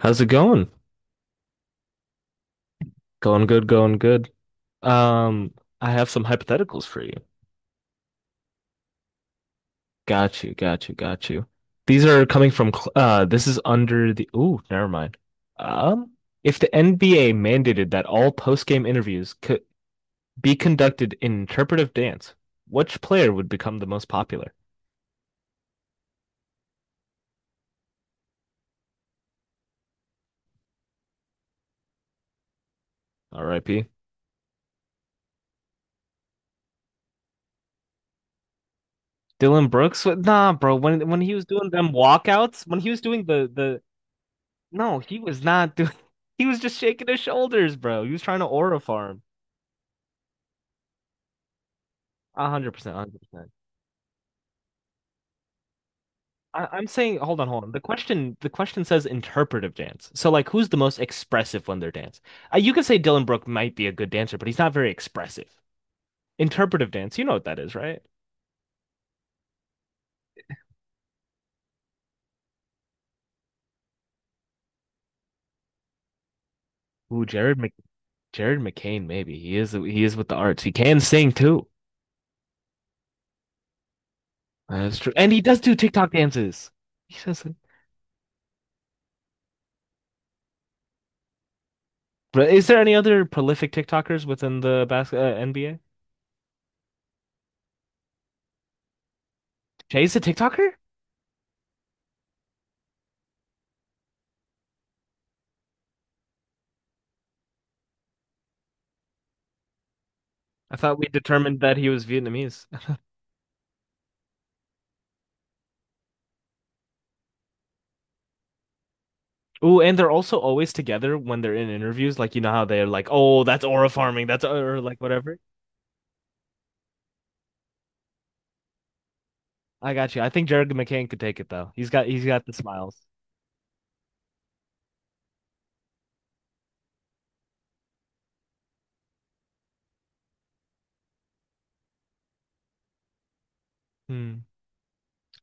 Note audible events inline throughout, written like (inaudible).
How's it going? Going good, going good. Um, I have some hypotheticals for you. Got you, got you, got you. These are coming from this is under the ooh, never mind. Um, if the NBA mandated that all post-game interviews could be conducted in interpretive dance, which player would become the most popular? R.I.P. Dylan Brooks? Nah, bro, when he was doing them walkouts, when he was doing the no, he was not doing (laughs) he was just shaking his shoulders, bro. He was trying to aura farm. 100%, 100%. I'm saying, hold on, hold on. The question says interpretive dance. So, like, who's the most expressive when they're dance? You could say Dylan Brooke might be a good dancer, but he's not very expressive. Interpretive dance, you know what that is, right? Ooh, Jared McCain, maybe he is. He is with the arts. He can sing too. That's true, and he does do TikTok dances. He does it. But is there any other prolific TikTokers within the NBA? Jay's a TikToker? I thought we determined that he was Vietnamese. Ooh, and they're also always together when they're in interviews. Like you know how they're like, "Oh, that's aura farming. That's or like whatever." I got you. I think Jared McCain could take it though. He's got the smiles. Hmm.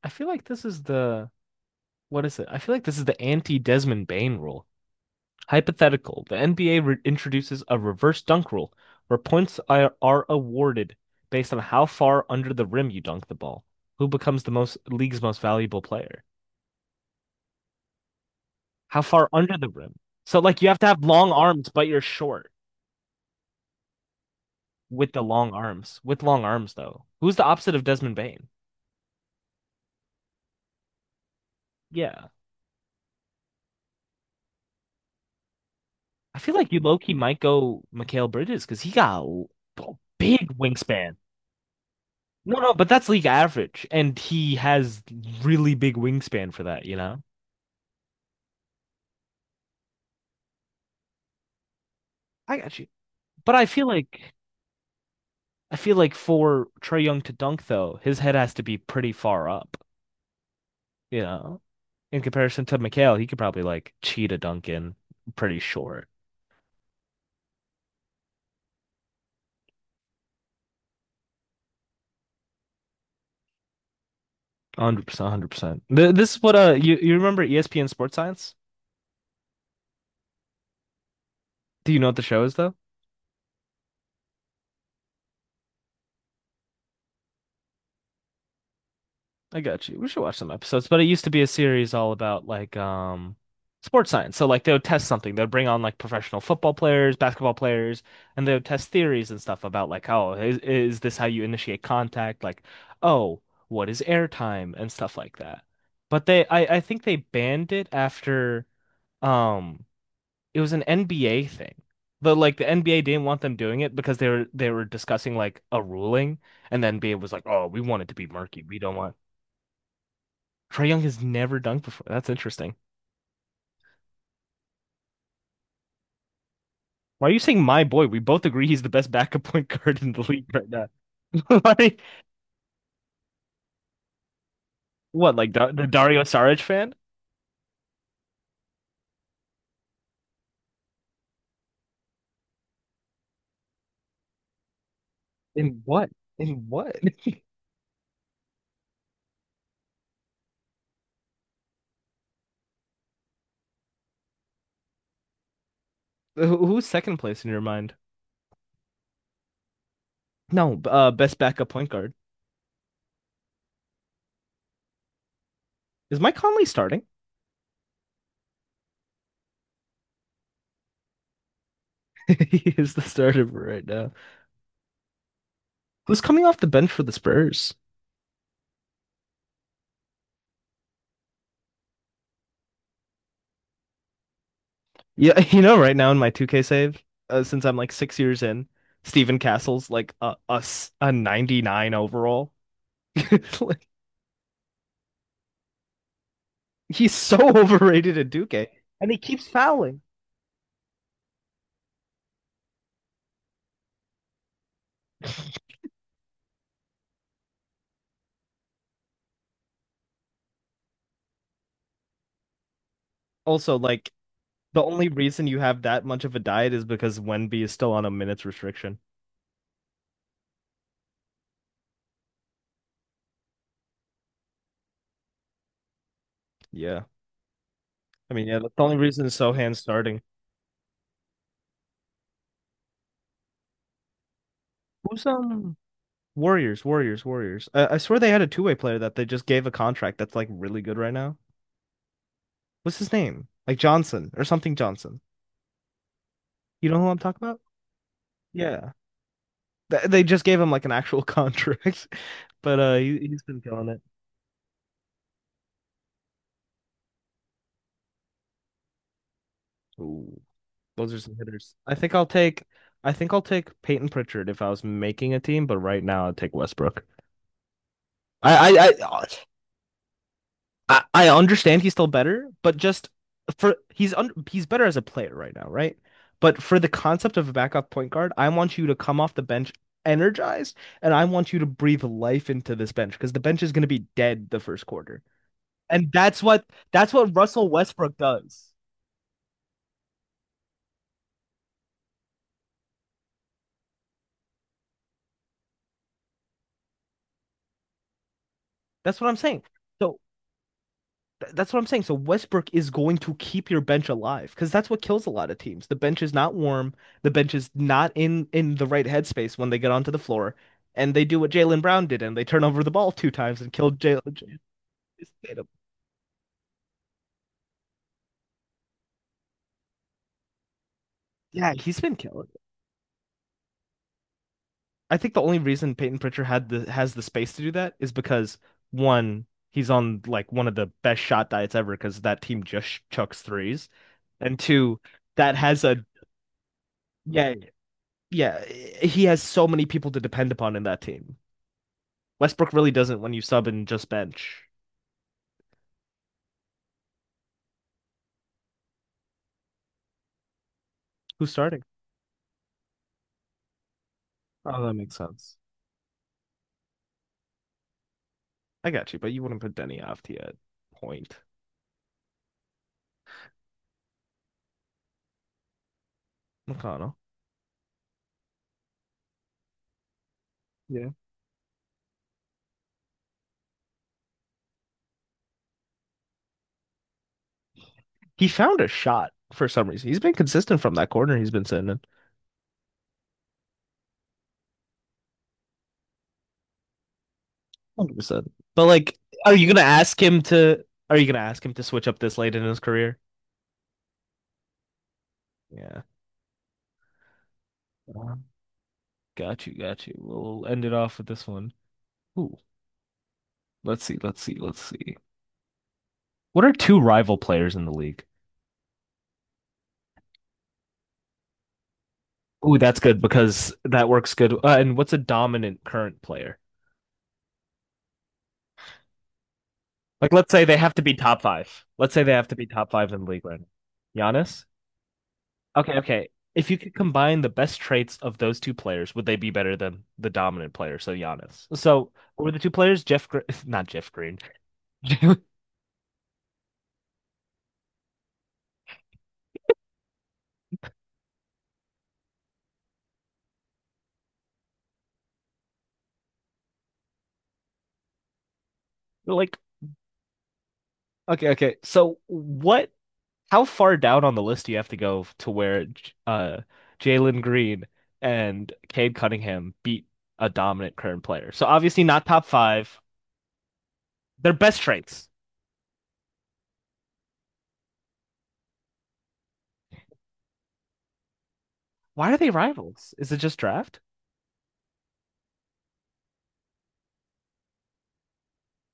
I feel like this is the what is it? I feel like this is the anti-Desmond Bain rule. Hypothetical. The NBA re introduces a reverse dunk rule where points are awarded based on how far under the rim you dunk the ball. Who becomes the most league's most valuable player? How far under the rim? So like you have to have long arms, but you're short. With the long arms. With long arms, though. Who's the opposite of Desmond Bain? Yeah. I feel like you low key might go Mikal Bridges because he got a big wingspan. No, no, but that's league average. And he has really big wingspan for that, you know? I got you. But I feel like for Trey Young to dunk though, his head has to be pretty far up, you know? In comparison to Mikal, he could probably like cheat a dunk in pretty short. 100%, 100%. This is what you remember ESPN Sports Science? Do you know what the show is though? I got you. We should watch some episodes, but it used to be a series all about like sports science. So like they would test something. They'd bring on like professional football players, basketball players, and they would test theories and stuff about like oh, is this how you initiate contact? Like, oh, what is air time and stuff like that. But they I think they banned it after um it was an NBA thing. The NBA didn't want them doing it because they were discussing like a ruling, and the NBA was like, "Oh, we want it to be murky. We don't want." Trae Young has never dunked before. That's interesting. Why are you saying my boy? We both agree he's the best backup point (laughs) guard in the league right now. (laughs) Like what? Like the Dario Saric fan? In what? In what? (laughs) Who's second place in your mind? No, best backup point guard. Is Mike Conley starting? (laughs) He is the starter right now. Who's coming off the bench for the Spurs? Yeah, (laughs) right now in my 2K save, since I'm like 6 years in, Stephen Castle's like a 99 overall. (laughs) Like, he's so (laughs) overrated at 2K. Also, like the only reason you have that much of a diet is because Wemby is still on a minutes restriction. Yeah. I mean, yeah, that's the only reason Sohan's starting. Who's Warriors. I swear they had a two-way player that they just gave a contract that's like really good right now. What's his name? Like Johnson or something Johnson. You know who I'm talking about? Yeah. They just gave him like an actual contract, (laughs) but he's been killing it. Ooh, those are some hitters. I think I'll take Peyton Pritchard if I was making a team, but right now I'd take Westbrook. I, I, I, I understand he's still better, but just for he's better as a player right now, right? But for the concept of a backup point guard, I want you to come off the bench energized, and I want you to breathe life into this bench because the bench is going to be dead the first quarter. And that's what Russell Westbrook does. That's what I'm saying. So that's what I'm saying. So Westbrook is going to keep your bench alive because that's what kills a lot of teams. The bench is not warm. The bench is not in the right headspace when they get onto the floor, and they do what Jalen Brown did and they turn over the ball two times and killed Jalen. Jalen Tatum. Yeah, he's been killing. I think the only reason Peyton Pritchard had the has the space to do that is because one, he's on like one of the best shot diets ever because that team just chucks threes, and two, that has a yeah yeah eh, he has so many people to depend upon in that team. Westbrook really doesn't when you sub and just bench. Who's starting? Oh, that makes sense. I got you, but you wouldn't put Denny off to point. McConnell. Yeah. He found a shot for some reason. He's been consistent from that corner he's been sitting in. 100%. But like, are you gonna ask him to? Are you gonna ask him to switch up this late in his career? Yeah. Uh, Got you. Got you. We'll end it off with this one. Ooh, let's see. Let's see. Let's see. What are two rival players in the league? Ooh, that's good because that works good. And what's a dominant current player? Like, let's say they have to be top five. Let's say they have to be top five in the league right now. Giannis. Okay, okay. If you could combine the best traits of those two players, would they be better than the dominant player, so Giannis? So, were the two players Jeff Green, (laughs) not Jeff Green. (laughs) Like, okay, okay. So, what how far down on the list do you have to go to where uh Jalen Green and Cade Cunningham beat a dominant current player? So, obviously not top 5. Their best traits. Why are they rivals? Is it just draft?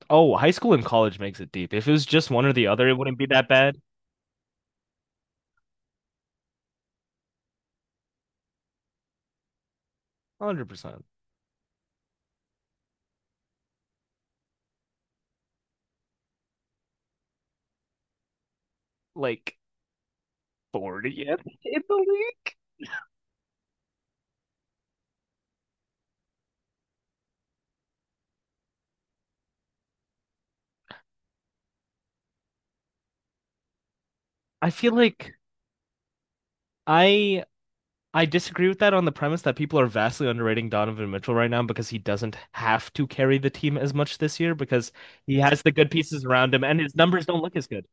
Oh, high school and college makes it deep. If it was just one or the other, it wouldn't be that bad. 100%. Like 40th in the league. I feel like I I disagree with that on the premise that people are vastly underrating Donovan Mitchell right now because he doesn't have to carry the team as much this year because he has the good pieces around him and his numbers don't look as good.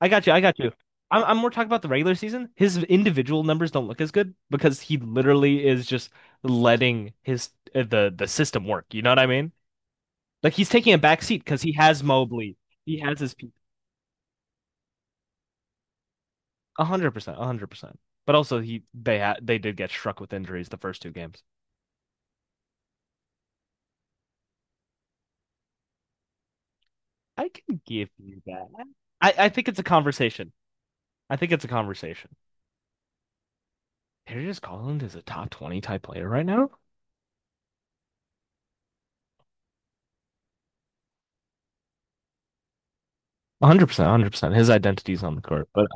I got you. I got you. I'm more talking about the regular season. His individual numbers don't look as good because he literally is just letting his the system work. You know what I mean? Like he's taking a back seat because he has Mobley, he has his 100%, 100%. But also, he they had they did get struck with injuries the first two games. I can give you that. I think it's a conversation. I think it's a conversation. Darius Garland is a top 20 type player right now. 100%, 100%. His identity's on the court, but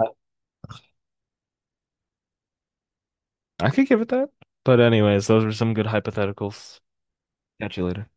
I could give it that. But anyways, those were some good hypotheticals. Catch you later.